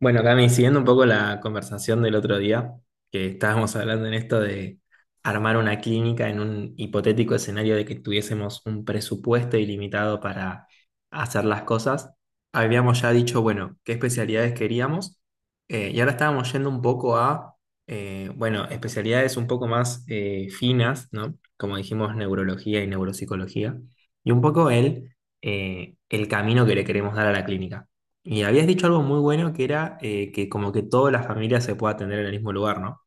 Bueno, Cami, siguiendo un poco la conversación del otro día, que estábamos hablando en esto de armar una clínica en un hipotético escenario de que tuviésemos un presupuesto ilimitado para hacer las cosas, habíamos ya dicho, bueno, qué especialidades queríamos, y ahora estábamos yendo un poco a, bueno, especialidades un poco más finas, ¿no? Como dijimos, neurología y neuropsicología, y un poco el camino que le queremos dar a la clínica. Y habías dicho algo muy bueno que era que como que toda la familia se pueda atender en el mismo lugar, ¿no?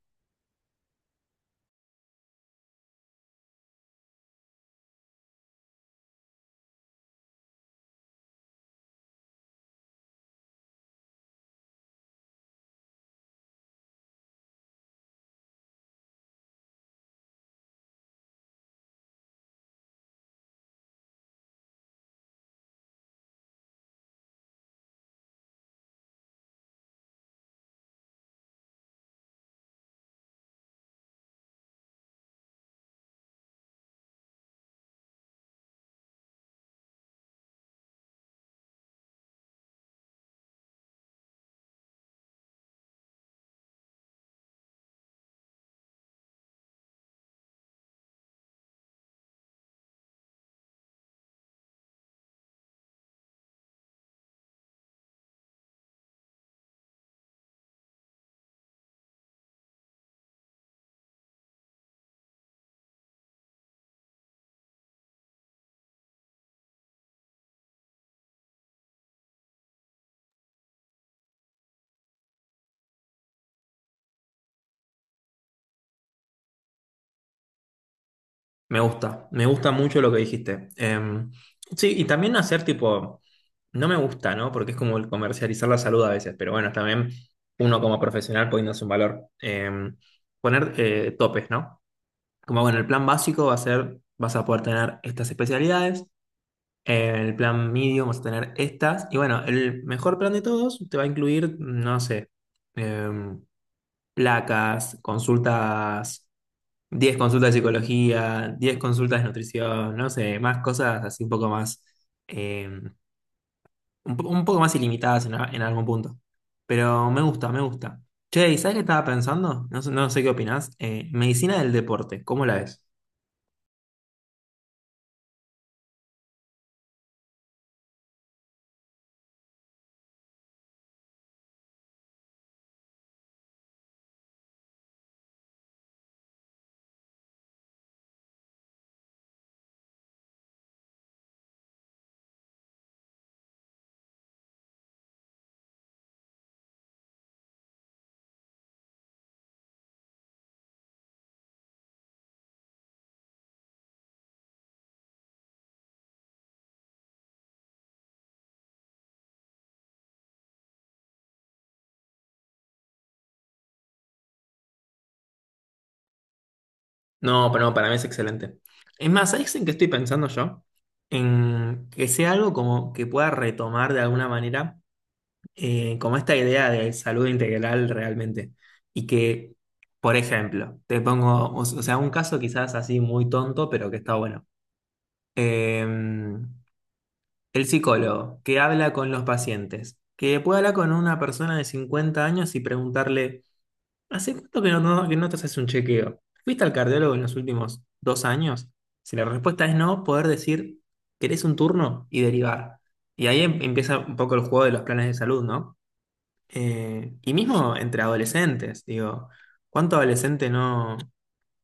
Me gusta mucho lo que dijiste. Sí, y también hacer tipo, no me gusta, ¿no? Porque es como el comercializar la salud a veces, pero bueno, también uno como profesional poniéndose un valor. Poner topes, ¿no? Como bueno, el plan básico va a ser, vas a poder tener estas especialidades, el plan medium vas a tener estas, y bueno, el mejor plan de todos te va a incluir, no sé. em, Placas, consultas, 10 consultas de psicología, 10 consultas de nutrición, no sé, más cosas así un poco más, eh, un poco más ilimitadas en, en algún punto. Pero me gusta, me gusta. Che, ¿y sabes qué estaba pensando? No, no sé qué opinás. Medicina del deporte, ¿cómo la ves? No, pero no, para mí es excelente. Es más, ¿sabes en qué estoy pensando yo? En que sea algo como que pueda retomar de alguna manera como esta idea de salud integral realmente. Y que, por ejemplo, te pongo, o sea, un caso quizás así muy tonto, pero que está bueno. Eh, el psicólogo que habla con los pacientes, que puede hablar con una persona de 50 años y preguntarle, ¿hace cuánto que que no te haces un chequeo? ¿Fuiste al cardiólogo en los últimos 2 años? Si la respuesta es no, poder decir, ¿querés un turno? Y derivar. Y ahí empieza un poco el juego de los planes de salud, ¿no? Y mismo entre adolescentes, digo, ¿cuánto adolescente no...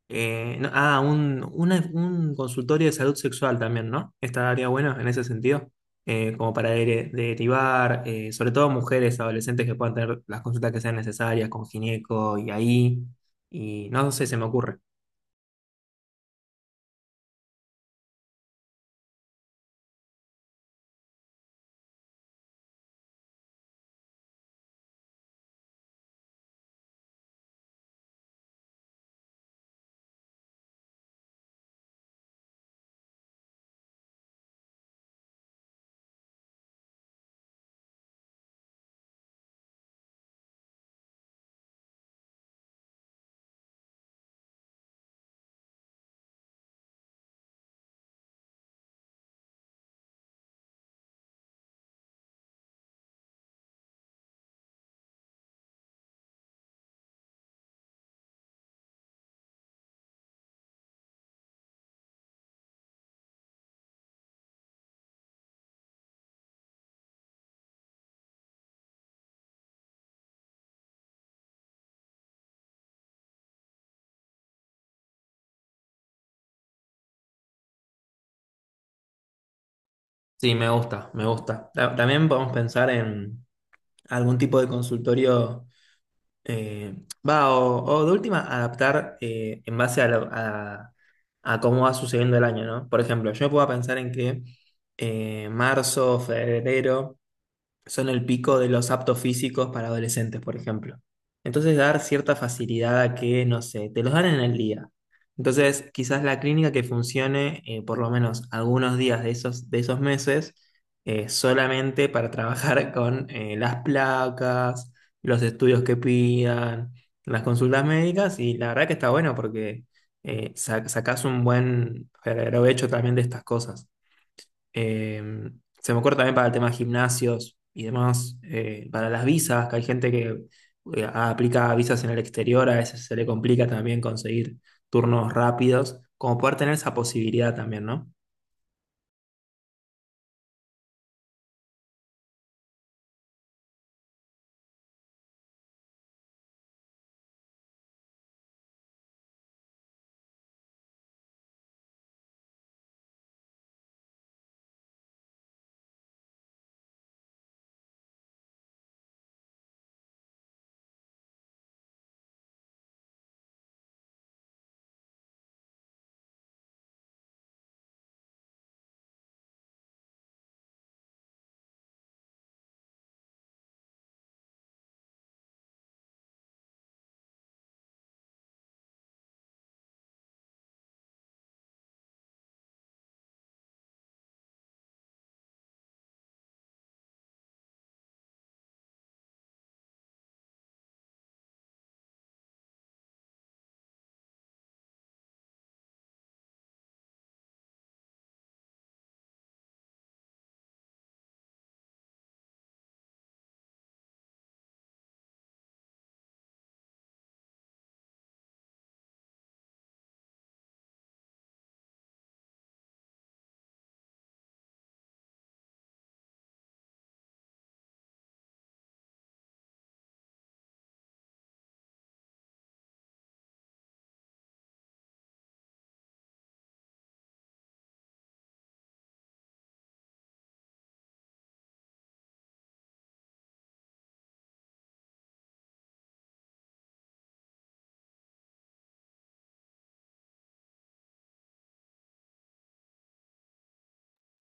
un consultorio de salud sexual también, ¿no? Estaría bueno en ese sentido, como para derivar, sobre todo mujeres adolescentes que puedan tener las consultas que sean necesarias con gineco y ahí, y no sé, se me ocurre. Sí, me gusta, me gusta. También podemos pensar en algún tipo de consultorio. Eh, o de última, adaptar en base a, a cómo va sucediendo el año, ¿no? Por ejemplo, yo puedo pensar en que marzo, febrero son el pico de los aptos físicos para adolescentes, por ejemplo. Entonces, dar cierta facilidad a que, no sé, te los dan en el día. Entonces, quizás la clínica que funcione por lo menos algunos días de esos meses solamente para trabajar con las placas, los estudios que pidan, las consultas médicas y la verdad que está bueno porque sacás un buen provecho también de estas cosas. Eh, Se me ocurre también para el tema de gimnasios y demás, para las visas, que hay gente que aplica visas en el exterior, a veces se le complica también conseguir turnos rápidos, como poder tener esa posibilidad también, ¿no?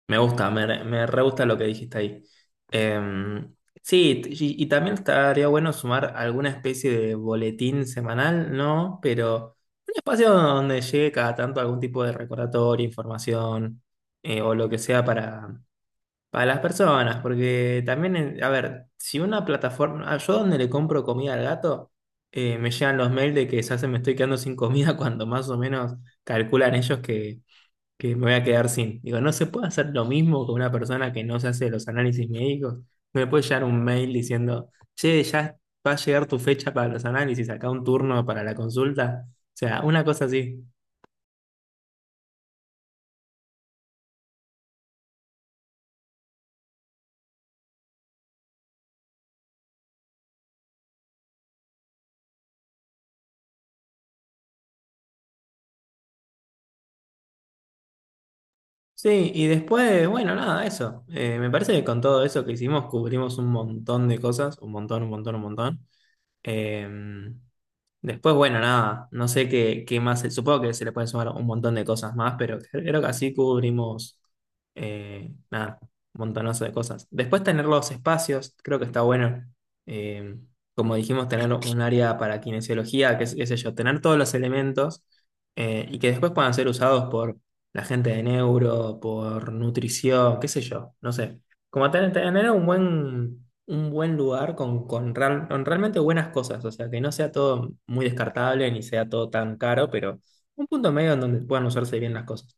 Me gusta, me re gusta lo que dijiste ahí. Eh, sí, y también estaría bueno sumar alguna especie de boletín semanal, ¿no? Pero un espacio donde llegue cada tanto algún tipo de recordatorio, información o lo que sea para. Para las personas, porque también, a ver, si una plataforma, ah, yo donde le compro comida al gato, me llegan los mails de que ya se me estoy quedando sin comida cuando más o menos calculan ellos que me voy a quedar sin. Digo, no se puede hacer lo mismo con una persona que no se hace los análisis médicos. No me puede llegar un mail diciendo, che, ya va a llegar tu fecha para los análisis, acá un turno para la consulta. O sea, una cosa así. Sí, y después, bueno, nada, eso. Me parece que con todo eso que hicimos cubrimos un montón de cosas, un montón, un montón, un montón. Em, Después, bueno, nada, no sé qué, qué más, supongo que se le pueden sumar un montón de cosas más, pero creo que así cubrimos, nada, un montonazo de cosas. Después tener los espacios, creo que está bueno. Em, Como dijimos, tener un área para kinesiología, qué sé yo, tener todos los elementos y que después puedan ser usados por la gente de neuro, por nutrición, qué sé yo, no sé. Como tener un buen lugar con, con realmente buenas cosas, o sea, que no sea todo muy descartable ni sea todo tan caro, pero un punto medio en donde puedan usarse bien las cosas.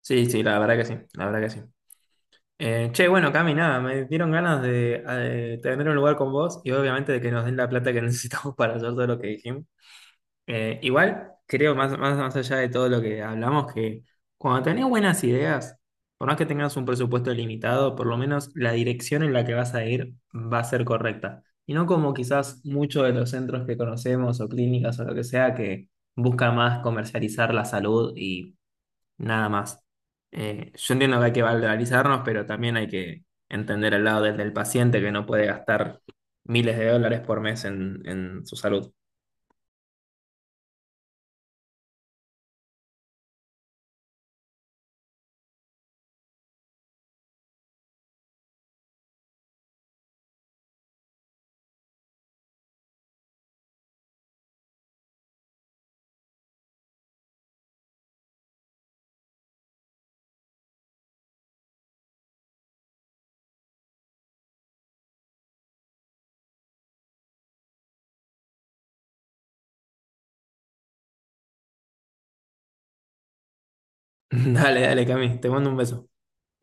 Sí, sí, la verdad que sí, la verdad que sí. Che, bueno, Cami, nada, me dieron ganas de, tener un lugar con vos y obviamente de que nos den la plata que necesitamos para hacer todo lo que dijimos. Igual, creo, más, más, más allá de todo lo que hablamos, que cuando tenés buenas ideas, por más que tengas un presupuesto limitado, por lo menos la dirección en la que vas a ir va a ser correcta. Y no como quizás muchos de los centros que conocemos o clínicas o lo que sea que busca más comercializar la salud y nada más. Yo entiendo que hay que valorizarnos, pero también hay que entender el lado del, del paciente que no puede gastar miles de dólares por mes en su salud. Dale, dale, Cami, te mando un beso.